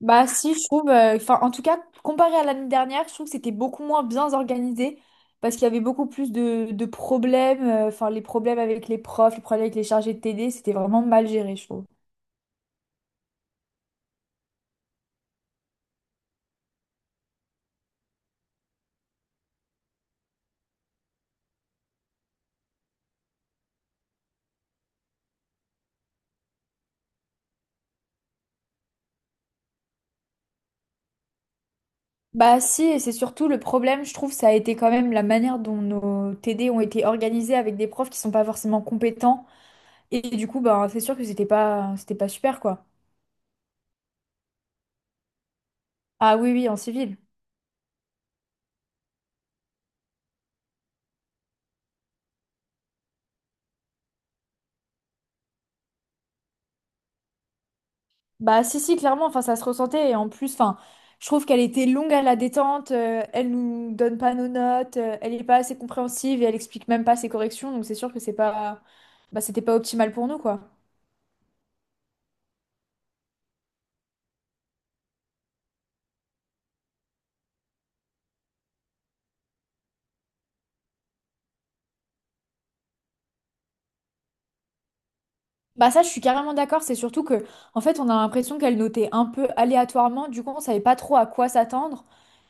Bah si, je trouve, enfin en tout cas, comparé à l'année dernière, je trouve que c'était beaucoup moins bien organisé parce qu'il y avait beaucoup plus de problèmes, enfin les problèmes avec les profs, les problèmes avec les chargés de TD, c'était vraiment mal géré, je trouve. Bah si, et c'est surtout le problème, je trouve, ça a été quand même la manière dont nos TD ont été organisés avec des profs qui sont pas forcément compétents et du coup, bah c'est sûr que c'était pas super quoi. Ah oui, oui, en civil. Bah si si clairement enfin ça se ressentait et en plus enfin je trouve qu'elle était longue à la détente, elle nous donne pas nos notes, elle est pas assez compréhensive et elle explique même pas ses corrections donc c'est sûr que c'est pas, bah c'était pas optimal pour nous quoi. Bah ça je suis carrément d'accord, c'est surtout que en fait on a l'impression qu'elle notait un peu aléatoirement du coup on savait pas trop à quoi s'attendre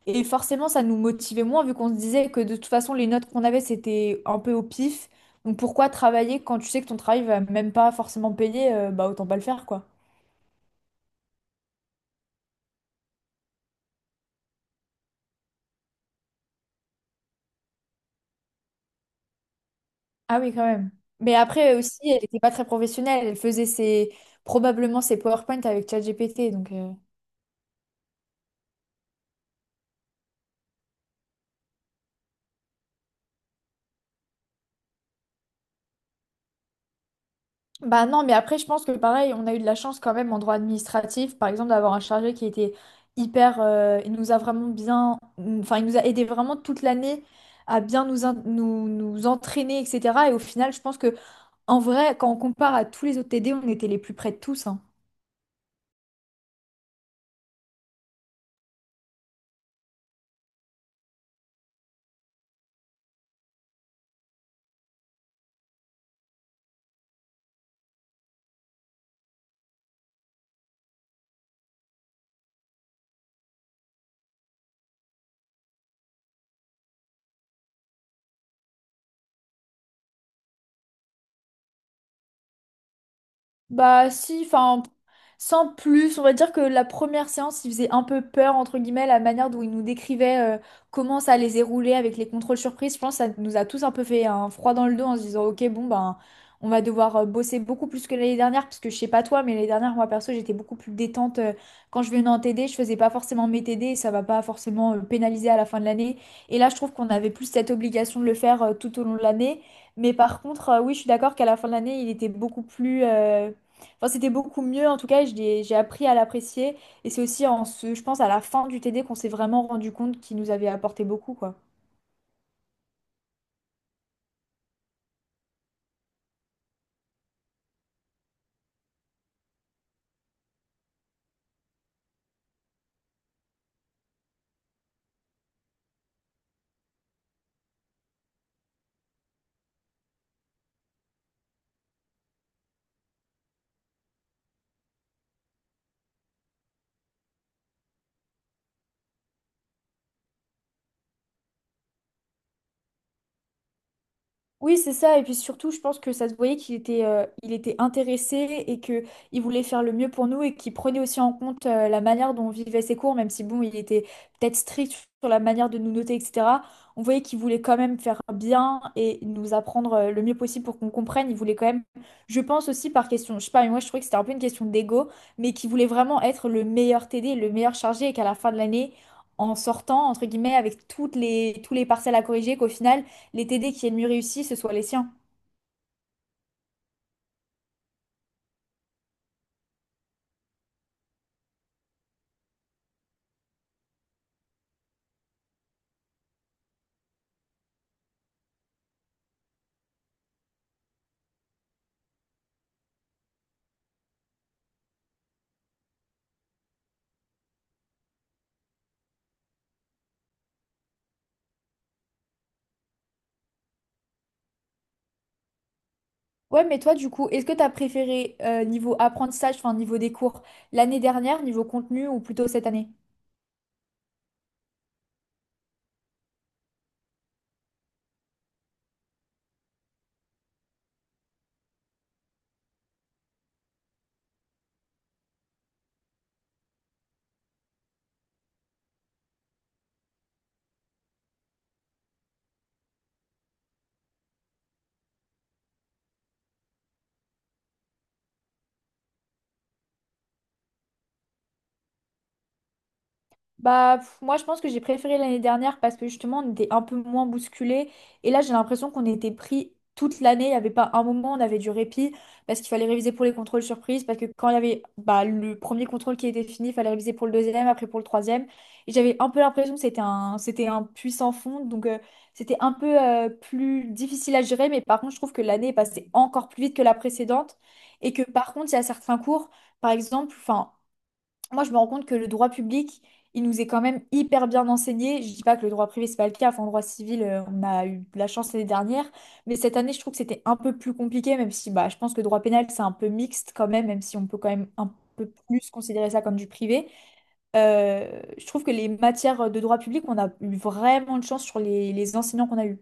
et forcément ça nous motivait moins vu qu'on se disait que de toute façon les notes qu'on avait c'était un peu au pif, donc pourquoi travailler quand tu sais que ton travail va même pas forcément payer, bah autant pas le faire quoi. Ah oui, quand même. Mais après aussi, elle n'était pas très professionnelle. Elle faisait ses, probablement ses PowerPoint avec ChatGPT. Donc. Bah non, mais après, je pense que pareil, on a eu de la chance quand même en droit administratif, par exemple, d'avoir un chargé qui était hyper. Il nous a vraiment bien. Enfin, il nous a aidé vraiment toute l'année à bien nous, nous, nous entraîner, etc. Et au final, je pense que en vrai, quand on compare à tous les autres T D on était les plus près de tous, hein. Bah si, enfin, sans plus, on va dire que la première séance, il faisait un peu peur, entre guillemets, la manière dont il nous décrivait, comment ça allait se dérouler avec les contrôles surprises. Je pense que ça nous a tous un peu fait un froid dans le dos en se disant, ok, bon, ben, on va devoir, bosser beaucoup plus que l'année dernière, parce que je sais pas toi, mais l'année dernière, moi, perso, j'étais beaucoup plus détente. Euh, quand je venais en TD, je faisais pas forcément mes TD, et ça va pas forcément, pénaliser à la fin de l'année. Et là, je trouve qu'on avait plus cette obligation de le faire, tout au long de l'année. Mais par contre, oui, je suis d'accord qu'à la fin de l'année, il était beaucoup plus... Enfin, c'était beaucoup mieux. En tout cas, j'ai appris à l'apprécier. Et c'est aussi en ce, je pense, à la fin du TD qu'on s'est vraiment rendu compte qu'il nous avait apporté beaucoup, quoi. Oui, c'est ça. Et puis surtout, je pense que ça se voyait qu'il était, il était intéressé et que il voulait faire le mieux pour nous et qu'il prenait aussi en compte, la manière dont on vivait ses cours, même si bon, il était peut-être strict sur la manière de nous noter, etc. On voyait qu'il voulait quand même faire bien et nous apprendre, le mieux possible pour qu'on comprenne. Il voulait quand même, je pense aussi par question, je sais pas, mais moi je trouvais que c'était un peu une question d'ego, mais qu'il voulait vraiment être le meilleur TD, le meilleur chargé et qu'à la fin de l'année, en sortant, entre guillemets, avec toutes les, tous les parcelles à corriger, qu'au final, les TD qui aient le mieux réussi, ce soit les siens. Ouais, mais toi, du coup, est-ce que tu as préféré, niveau apprentissage, enfin niveau des cours, l'année dernière, niveau contenu ou plutôt cette année? Bah, pff, moi, je pense que j'ai préféré l'année dernière parce que justement, on était un peu moins bousculés. Et là, j'ai l'impression qu'on était pris toute l'année. Il n'y avait pas un moment où on avait du répit parce qu'il fallait réviser pour les contrôles surprises. Parce que quand il y avait bah, le premier contrôle qui était fini, il fallait réviser pour le deuxième, après pour le troisième. Et j'avais un peu l'impression que c'était un puits sans fond. Donc, c'était un peu, plus difficile à gérer. Mais par contre, je trouve que l'année est passée encore plus vite que la précédente. Et que par contre, il y a certains cours, par exemple, enfin moi, je me rends compte que le droit public, il nous est quand même hyper bien enseigné. Je dis pas que le droit privé, c'est pas le cas. Enfin, le droit civil, on a eu de la chance l'année dernière. Mais cette année, je trouve que c'était un peu plus compliqué, même si bah, je pense que le droit pénal, c'est un peu mixte quand même, même si on peut quand même un peu plus considérer ça comme du privé. Je trouve que les matières de droit public, on a eu vraiment de chance sur les enseignants qu'on a eu.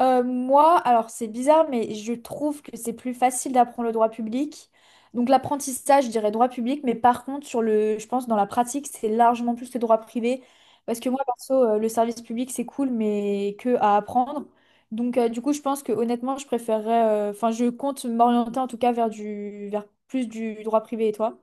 Moi, alors c'est bizarre, mais je trouve que c'est plus facile d'apprendre le droit public. Donc l'apprentissage, je dirais droit public, mais par contre, sur le, je pense dans la pratique, c'est largement plus le droit privé. Parce que moi, perso, le service public, c'est cool, mais que à apprendre. Donc du coup, je pense que honnêtement, je préférerais, enfin, je compte m'orienter en tout cas vers du, vers plus du droit privé, et toi?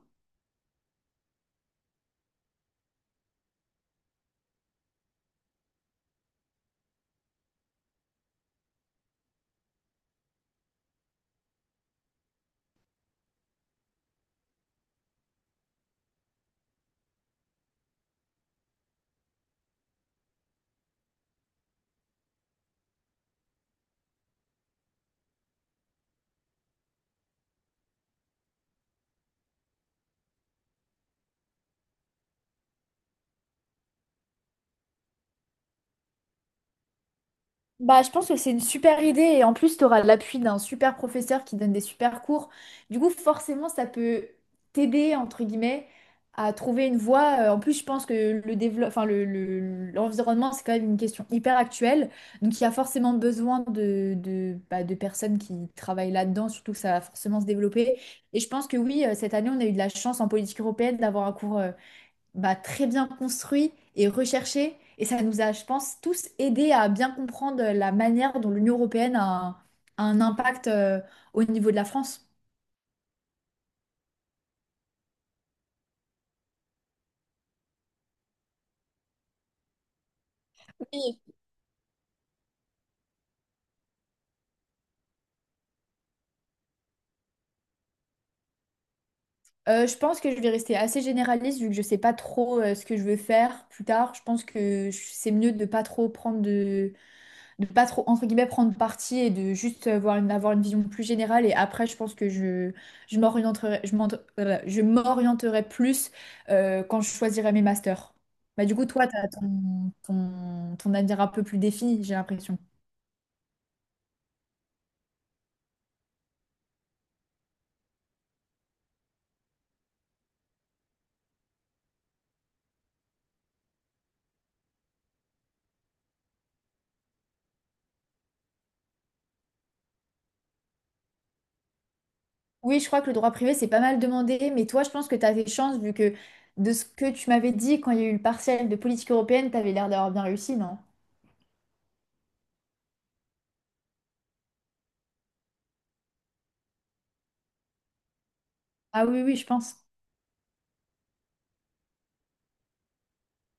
Bah, je pense que c'est une super idée et en plus, tu auras l'appui d'un super professeur qui donne des super cours. Du coup, forcément, ça peut t'aider, entre guillemets, à trouver une voie. En plus, je pense que enfin, l'environnement, c'est quand même une question hyper actuelle. Donc, il y a forcément besoin bah, de personnes qui travaillent là-dedans, surtout que ça va forcément se développer. Et je pense que oui, cette année, on a eu de la chance en politique européenne d'avoir un cours. Bah, très bien construit et recherché. Et ça nous a, je pense, tous aidés à bien comprendre la manière dont l'Union européenne a un impact, au niveau de la France. Oui. Je pense que je vais rester assez généraliste vu que je sais pas trop, ce que je veux faire plus tard. Je pense que c'est mieux de pas trop prendre de pas trop, entre guillemets, prendre parti et de juste avoir une vision plus générale. Et après, je pense que je m'orienterai, je m'orienterai plus, quand je choisirai mes masters. Bah, du coup, toi, tu as ton avenir un peu plus défini, j'ai l'impression. Oui, je crois que le droit privé, c'est pas mal demandé, mais toi, je pense que tu as des chances, vu que de ce que tu m'avais dit quand il y a eu le partiel de politique européenne, tu avais l'air d'avoir bien réussi, non? Ah oui, oui, je pense.